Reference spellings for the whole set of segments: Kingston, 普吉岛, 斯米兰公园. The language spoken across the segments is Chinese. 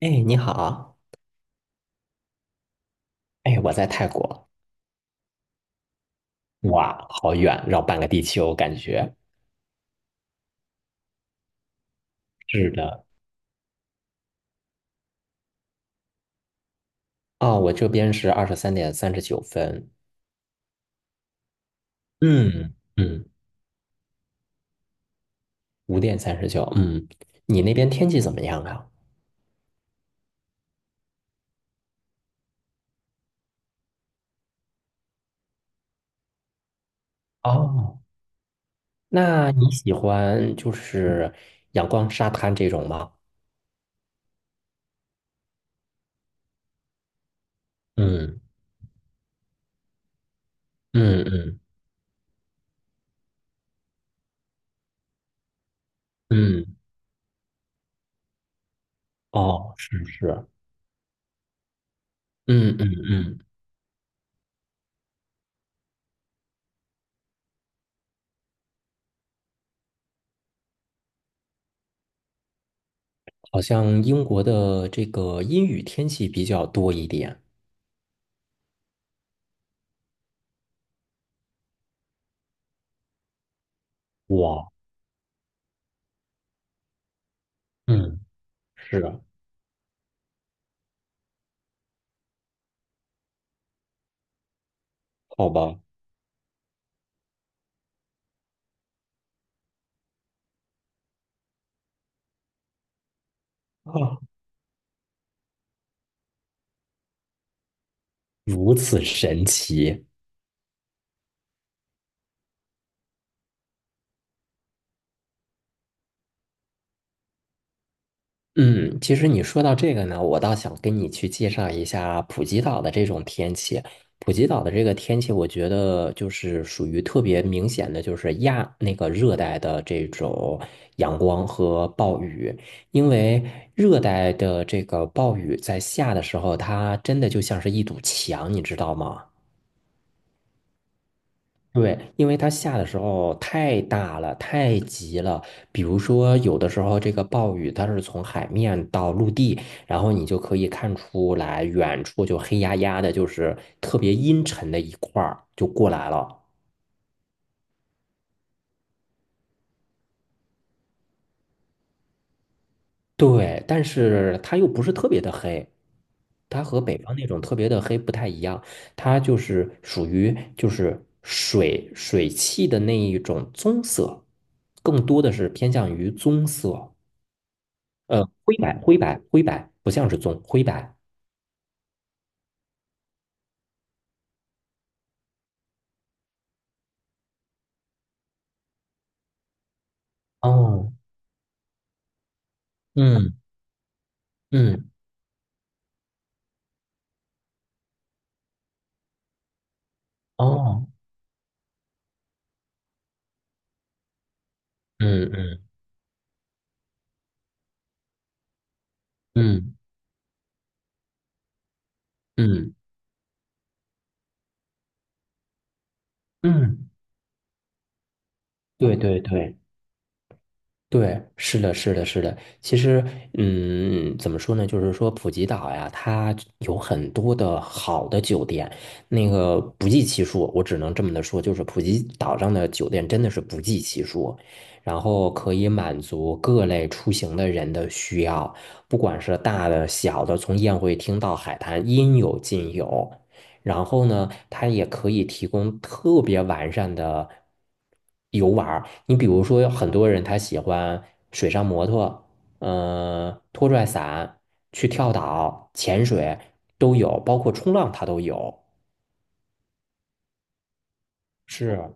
哎，你好，哎，我在泰国，哇，好远，绕半个地球，感觉。是的。哦，我这边是23:39，嗯嗯，5:39，嗯，你那边天气怎么样啊？哦，那你喜欢就是阳光沙滩这种吗？嗯嗯嗯嗯，哦，是是，嗯嗯嗯，好像英国的这个阴雨天气比较多一点。哇，嗯，是啊，好吧。啊，如此神奇。嗯，其实你说到这个呢，我倒想跟你去介绍一下普吉岛的这种天气。普吉岛的这个天气，我觉得就是属于特别明显的，就是亚那个热带的这种阳光和暴雨。因为热带的这个暴雨在下的时候，它真的就像是一堵墙，你知道吗？对，因为它下的时候太大了，太急了。比如说，有的时候这个暴雨它是从海面到陆地，然后你就可以看出来，远处就黑压压的，就是特别阴沉的一块儿就过来了。对，但是它又不是特别的黑，它和北方那种特别的黑不太一样，它就是属于就是水汽的那一种棕色，更多的是偏向于棕色。灰白，灰白，灰白，不像是棕，灰白。哦，嗯嗯，哦，嗯嗯嗯嗯嗯，对对对。对，是的，是的，是的。其实，怎么说呢？就是说，普吉岛呀，它有很多的好的酒店，那个不计其数。我只能这么的说，就是普吉岛上的酒店真的是不计其数，然后可以满足各类出行的人的需要，不管是大的、小的，从宴会厅到海滩，应有尽有。然后呢，它也可以提供特别完善的游玩儿。你比如说，有很多人他喜欢水上摩托，拖拽伞，去跳岛、潜水都有，包括冲浪它都有。是，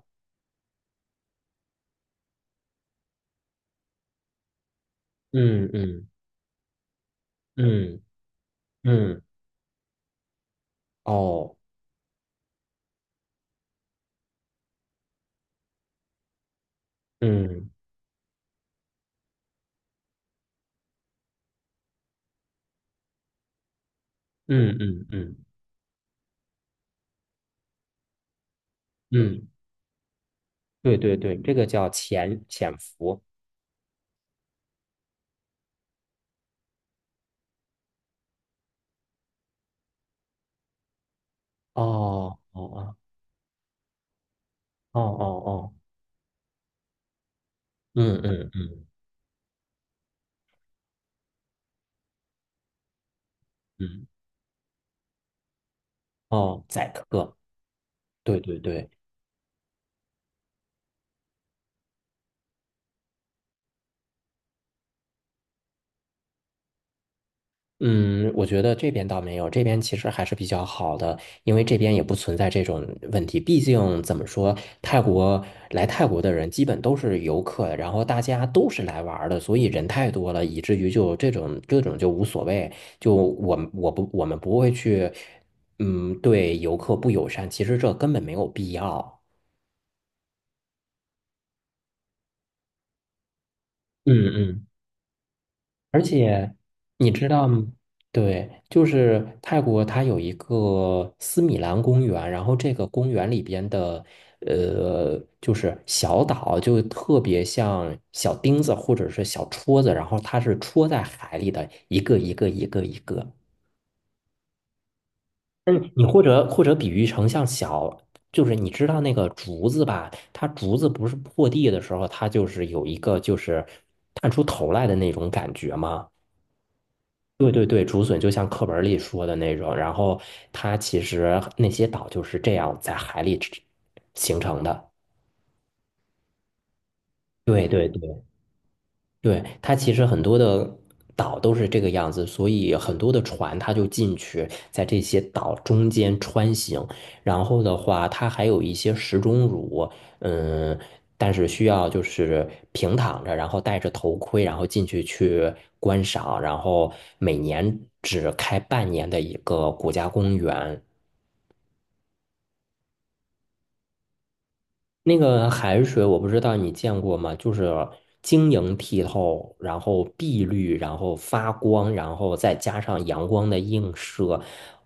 嗯嗯嗯嗯，哦，嗯嗯嗯嗯嗯，对对对，这个叫潜伏。哦哦哦哦哦哦，嗯嗯嗯嗯，哦，宰客。对对对，嗯，我觉得这边倒没有，这边其实还是比较好的，因为这边也不存在这种问题。毕竟怎么说，来泰国的人基本都是游客，然后大家都是来玩儿的，所以人太多了，以至于就这种就无所谓。就我们不会去，嗯，对游客不友善，其实这根本没有必要。嗯嗯而且你知道吗？对，就是泰国，它有一个斯米兰公园，然后这个公园里边的，就是小岛，就特别像小钉子或者是小戳子，然后它是戳在海里的一个一个一个一个。嗯，你或者比喻成像小，就是你知道那个竹子吧？它竹子不是破地的时候，它就是有一个就是探出头来的那种感觉吗？对对对，竹笋就像课本里说的那种，然后它其实那些岛就是这样在海里形成的。对对对。对，它其实很多的岛都是这个样子，所以很多的船它就进去，在这些岛中间穿行。然后的话，它还有一些石钟乳，嗯，但是需要就是平躺着，然后戴着头盔，然后进去去观赏。然后每年只开半年的一个国家公园。那个海水我不知道你见过吗？就是晶莹剔透，然后碧绿，然后发光，然后再加上阳光的映射，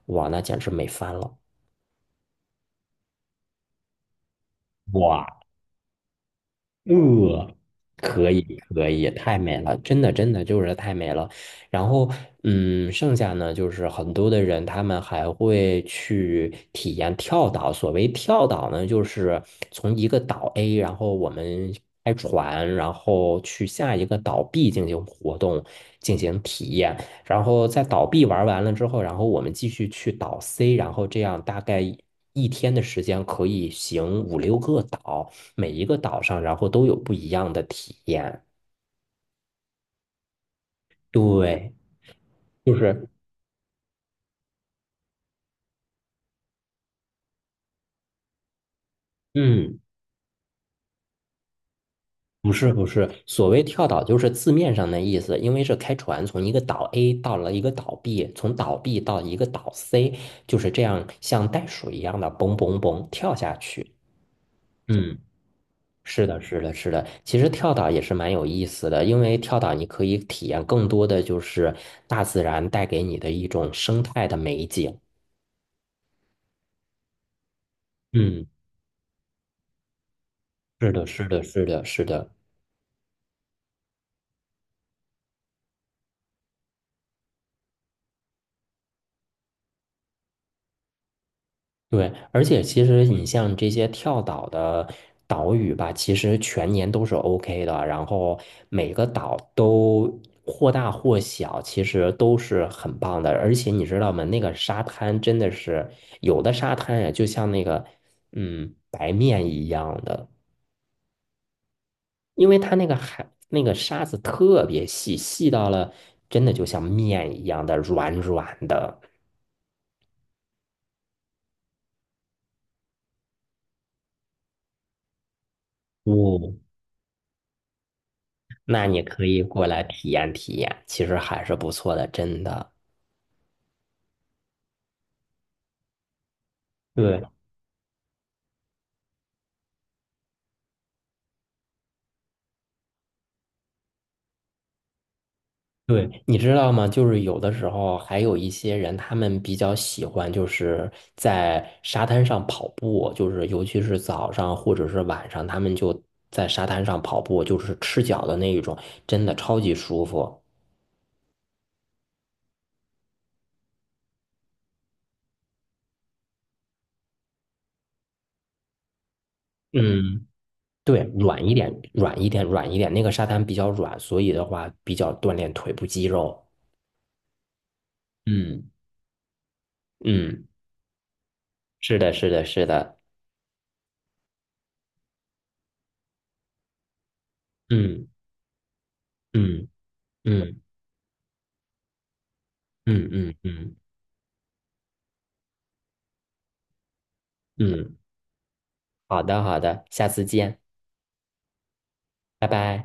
哇，那简直美翻了！哇！呃，可以可以，太美了，真的真的就是太美了。然后，剩下呢，就是很多的人他们还会去体验跳岛。所谓跳岛呢，就是从一个岛 A，然后我们开船，然后去下一个岛 B 进行活动，进行体验。然后在岛 B 玩完了之后，然后我们继续去岛 C，然后这样大概一天的时间可以行五六个岛。每一个岛上，然后都有不一样的体验。对，就是，嗯，不是不是，所谓跳岛就是字面上的意思，因为是开船从一个岛 A 到了一个岛 B，从岛 B 到一个岛 C，就是这样像袋鼠一样的嘣嘣嘣跳下去。嗯，是的，是的，是的。其实跳岛也是蛮有意思的，因为跳岛你可以体验更多的就是大自然带给你的一种生态的美景。嗯，是的，是的，是的，是的。对，而且其实你像这些跳岛的岛屿吧，其实全年都是 OK 的，然后每个岛都或大或小，其实都是很棒的。而且你知道吗？那个沙滩真的是有的沙滩呀，就像那个白面一样的，因为它那个海那个沙子特别细，细到了真的就像面一样的软软的。哦，那你可以过来体验体验，其实还是不错的，真的。对对，你知道吗？就是有的时候还有一些人，他们比较喜欢就是在沙滩上跑步，就是尤其是早上或者是晚上，他们就在沙滩上跑步，就是赤脚的那一种，真的超级舒服。嗯，对，软一点，软一点，软一点。那个沙滩比较软，所以的话比较锻炼腿部肌肉。嗯嗯，是的，是的，是的。嗯。嗯嗯嗯嗯嗯嗯，好的好的，下次见，拜拜。